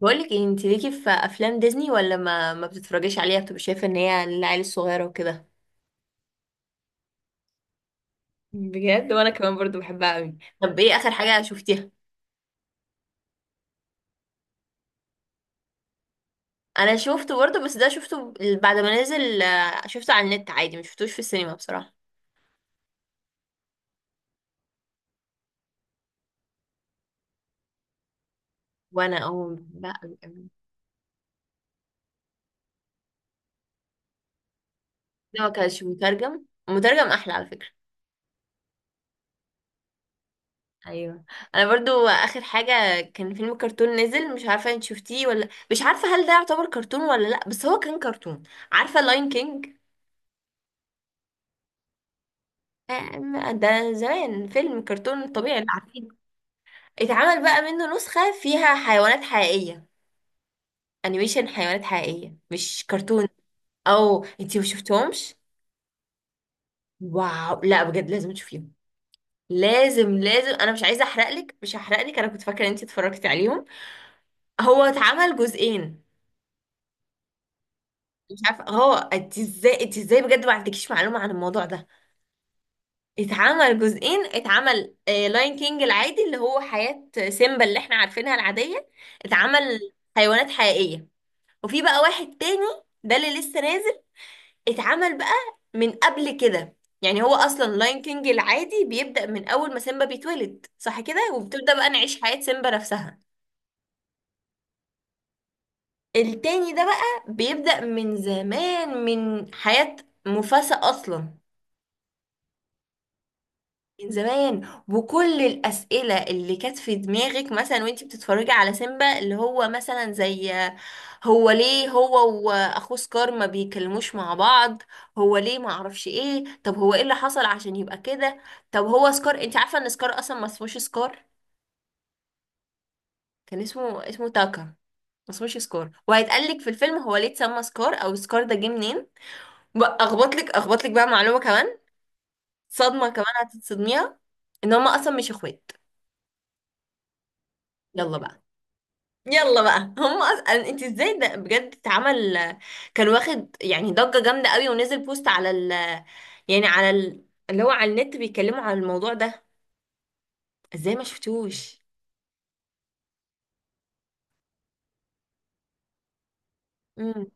بقولك ايه، انت ليكي في افلام ديزني ولا ما بتتفرجيش عليها، بتبقى شايفه ان هي للعيال الصغيره وكده؟ بجد؟ وانا كمان برضو بحبها قوي. طب ايه اخر حاجه شفتيها؟ انا شفته برضه، بس ده شفته بعد ما نزل. شفته على النت عادي، ما شفتوش في السينما بصراحه. وانا، او، لا، ده ما كانش مترجم، مترجم احلى على فكره. ايوه. انا برضو اخر حاجه كان فيلم كرتون نزل، مش عارفه انت شفتيه ولا، مش عارفه هل ده يعتبر كرتون ولا لا، بس هو كان كرتون. عارفه لاين كينج؟ آه، ده زمان فيلم كرتون طبيعي اللي عارفينه. اتعمل بقى منه نسخة فيها حيوانات حقيقية. انيميشن حيوانات حقيقية، مش كرتون. او، انتي ما شفتهمش؟ واو، لا بجد لازم تشوفيهم. لازم لازم، انا مش عايزه احرقلك، مش هحرقلك. انا كنت فاكره ان انتي اتفرجتي عليهم. هو اتعمل جزئين. مش عارفه هو انت ازاي، انت ازاي بجد ما عندكيش معلومه عن الموضوع ده؟ اتعمل جزئين. اتعمل لاين كينج العادي اللي هو حياة سيمبا اللي احنا عارفينها العادية، اتعمل حيوانات حقيقية. وفي بقى واحد تاني، ده اللي لسه نازل. اتعمل بقى من قبل كده. يعني هو اصلا لاين كينج العادي بيبدأ من اول ما سيمبا بيتولد، صح كده، وبتبدأ بقى نعيش حياة سيمبا نفسها. التاني ده بقى بيبدأ من زمان، من حياة مفاسا اصلا. من زمان، وكل الأسئلة اللي كانت في دماغك مثلا وانتي بتتفرجي على سيمبا، اللي هو مثلا زي: هو ليه هو وأخوه سكار ما بيكلموش مع بعض؟ هو ليه ما اعرفش ايه؟ طب هو ايه اللي حصل عشان يبقى كده؟ طب هو سكار، انتي عارفة ان سكار اصلا ما اسموش سكار؟ كان اسمه تاكا، ما اسموش سكار. وهيتقال لك في الفيلم هو ليه اتسمى سكار او سكار ده جه منين. بقى اخبط لك بقى معلومة كمان، صدمة كمان هتتصدميها، ان هما اصلا مش اخوات. يلا بقى، يلا بقى. هم اصلا انت ازاي ده بجد اتعمل؟ كان واخد يعني ضجة جامدة قوي، ونزل بوست على ال، يعني على ال، اللي هو على النت بيتكلموا عن الموضوع ده. ازاي ما شفتوش؟ امم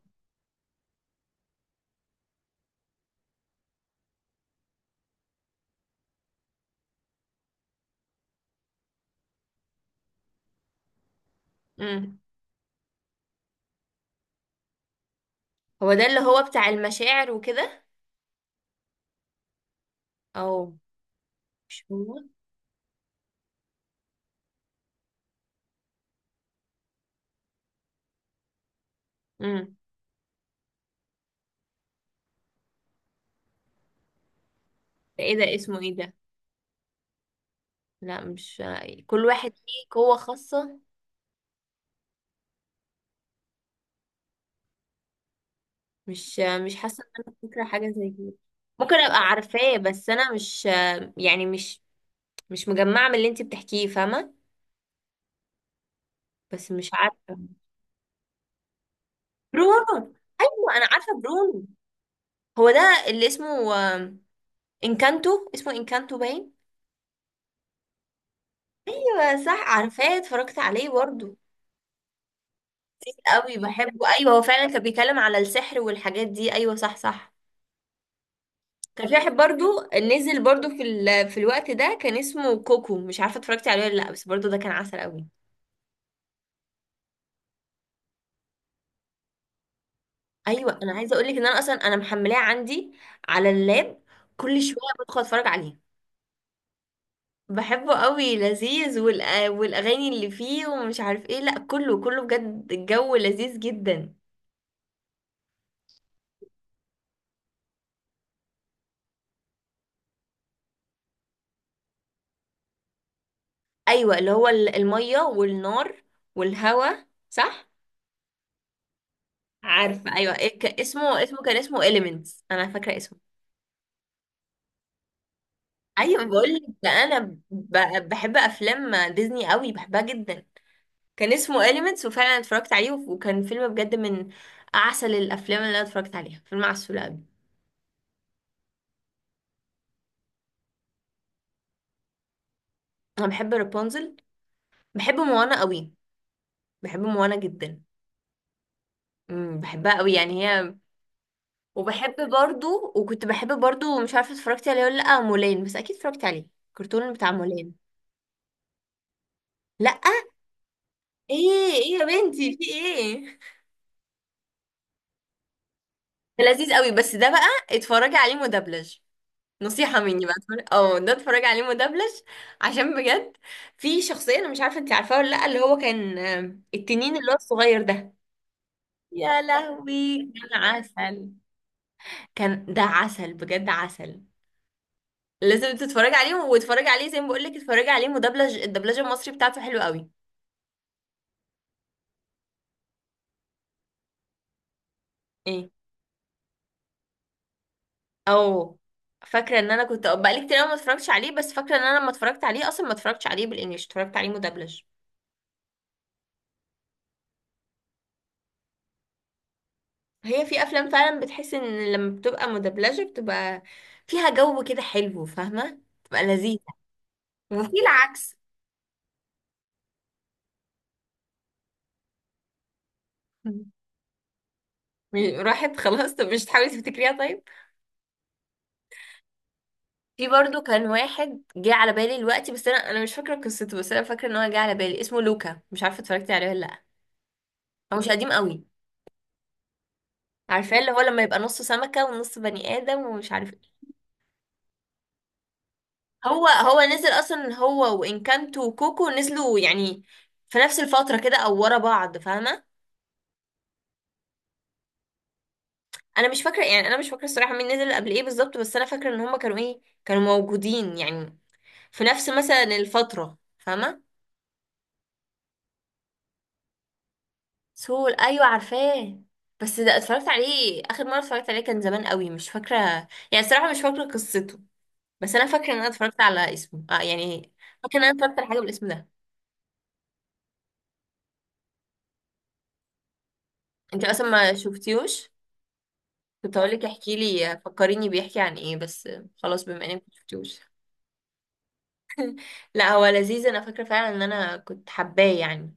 امم هو ده اللي هو بتاع المشاعر وكده؟ او، مش هو. امم ده ايه ده، اسمه ايه ده؟ لا، مش كل واحد ليه قوة خاصة. مش حاسة ان انا فاكرة حاجة زي كده. ممكن ابقى عارفاه بس انا مش، يعني مش مجمعة من اللي انت بتحكيه فاهمة. بس مش عارفة. برونو؟ أيوة، انا عارفة برونو. هو ده اللي اسمه انكانتو، اسمه انكانتو باين. ايوه صح، عارفاه، اتفرجت عليه برضو. قوي بحبه، ايوه هو فعلا كان بيتكلم على السحر والحاجات دي، ايوه صح صح. كان في واحد برضو، نزل برضو في في الوقت ده، كان اسمه كوكو. مش عارفة اتفرجت عليه ولا لا، بس برضو ده كان عسل قوي. ايوه، انا عايزة اقولك ان انا اصلا، انا محملاه عندي على اللاب، كل شوية بدخل اتفرج عليه. بحبه قوي، لذيذ، والاغاني اللي فيه ومش عارف ايه، لا كله كله بجد، الجو لذيذ جدا. ايوه، اللي هو الميه والنار والهوا، صح. عارفه ايوه، إيه، اسمه كان اسمه Elements، انا فاكره اسمه. ايوه بقول لك ده انا ب... بحب افلام ديزني قوي، بحبها جدا. كان اسمه Elements، وفعلا اتفرجت عليه وكان فيلم بجد من اعسل الافلام اللي انا اتفرجت عليها، فيلم عسول قوي. انا بحب رابونزل، بحب موانا قوي، بحب موانا جدا. بحبها قوي يعني هي. وبحب برضو، وكنت بحب برضو، مش عارفه اتفرجتي عليه ولا لا مولان، بس اكيد اتفرجتي عليه الكرتون بتاع مولان. لا. ايه؟ ايه يا بنتي، في ايه؟ ده لذيذ قوي، بس ده بقى اتفرجي عليه مدبلج. نصيحه مني بقى، ده اتفرجي عليه مدبلج. عشان بجد، في شخصيه انا مش عارفه انت عارفاها ولا لا، اللي هو كان التنين اللي هو الصغير ده. يا لهوي كان عسل، كان ده عسل بجد، عسل. لازم تتفرجي عليه، واتفرجي عليه زي ما بقول لك، اتفرجي عليه مدبلج. الدبلجه المصري بتاعته حلوه قوي. ايه. او، فاكره ان انا كنت بقالي كتير أوي ما اتفرجتش عليه، بس فاكره ان انا لما اتفرجت عليه اصلا ما اتفرجتش عليه بالانجلش، اتفرجت عليه مدبلج. هي في افلام فعلا بتحس ان لما بتبقى مدبلجه بتبقى فيها جو كده حلو فاهمه، بتبقى لذيذه. وفي العكس. راحت خلاص. طب مش تحاولي تفتكريها طيب؟ في برضو كان واحد جه على بالي دلوقتي، بس انا مش فاكره قصته، بس انا فاكره ان هو جه على بالي، اسمه لوكا، مش عارفه اتفرجتي عليه ولا لا. هو مش قديم قوي. عارفاه، اللي هو لما يبقى نصه سمكة ونص بني آدم ومش عارف ايه. هو نزل أصلا، هو وإنكانتو وكوكو نزلوا يعني في نفس الفترة كده، أو ورا بعض فاهمة. أنا مش فاكرة، يعني أنا مش فاكرة الصراحة مين نزل قبل إيه بالظبط، بس أنا فاكرة إن هما كانوا موجودين يعني في نفس مثلا الفترة، فاهمة. سول؟ أيوة عارفاه، بس ده اتفرجت عليه آخر مرة، اتفرجت عليه كان زمان قوي، مش فاكرة يعني الصراحة، مش فاكرة قصته. بس أنا فاكرة إن أنا اتفرجت على اسمه، يعني فاكرة إن أنا اتفرجت على حاجة بالاسم ده. انت اصلا ما شفتيهوش؟ كنت هقولك احكي لي فكريني بيحكي عن ايه بس، خلاص بما انك ما شفتيهوش. لا هو لذيذ، انا فاكره فعلا ان انا كنت حباه يعني.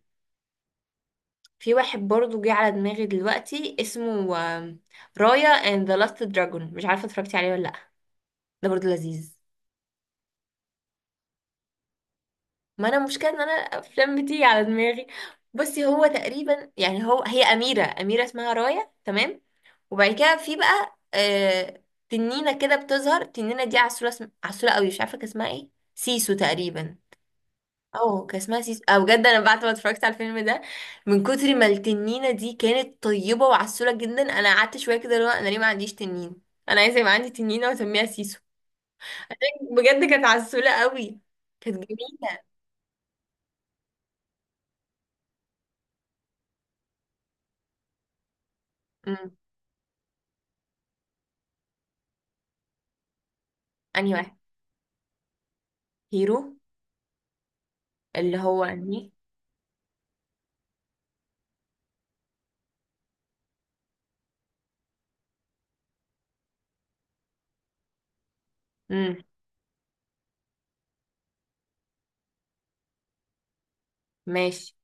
في واحد برضو جه على دماغي دلوقتي اسمه رايا اند ذا لاست دراجون، مش عارفه اتفرجتي عليه ولا لا. ده برضو لذيذ. ما انا المشكله ان انا افلام بتيجي على دماغي. بصي هو تقريبا يعني، هو، هي اميره اسمها رايا، تمام. وبعد كده في بقى تنينة كده بتظهر. التنينة دي عسولة، عسولة قوي، مش عارفة كان اسمها ايه، سيسو تقريبا. اه كان اسمها سيسو. اه بجد انا بعد ما اتفرجت على الفيلم ده، من كتر ما التنينة دي كانت طيبة وعسولة جدا، انا قعدت شوية كده اللي هو انا ليه ما عنديش تنين. انا عايزة يبقى عندي تنينة واسميها سيسو. بجد كانت عسولة قوي، كانت جميلة. امم انهي واحد؟ هيرو. اللي هو انهي؟ امم ماشي.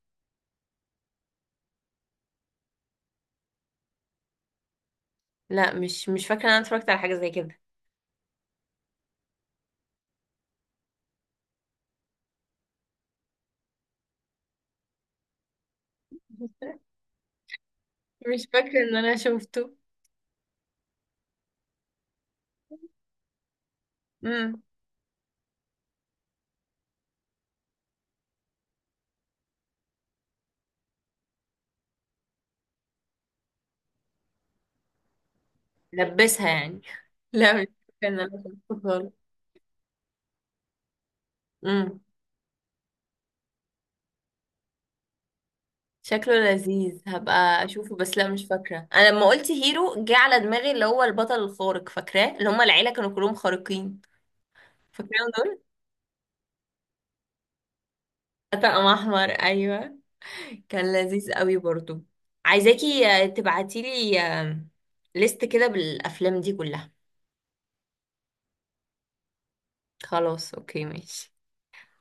لا، مش فاكرة ان انا اتفرجت على حاجة زي كده. مش فاكرة ان انا شفته. امم لبسها يعني؟ لا، مش فاكرة ان انا شفته خالص. امم شكله لذيذ، هبقى اشوفه بس لا، مش فاكرة. انا لما قلت هيرو جه على دماغي اللي هو البطل الخارق، فاكراه اللي هما العيلة كانوا كلهم خارقين، فاكراهم دول. طقم احمر، ايوه، كان لذيذ قوي برضو. عايزاكي، تبعتيلي، ليست كده بالافلام دي كلها. خلاص، اوكي، ماشي.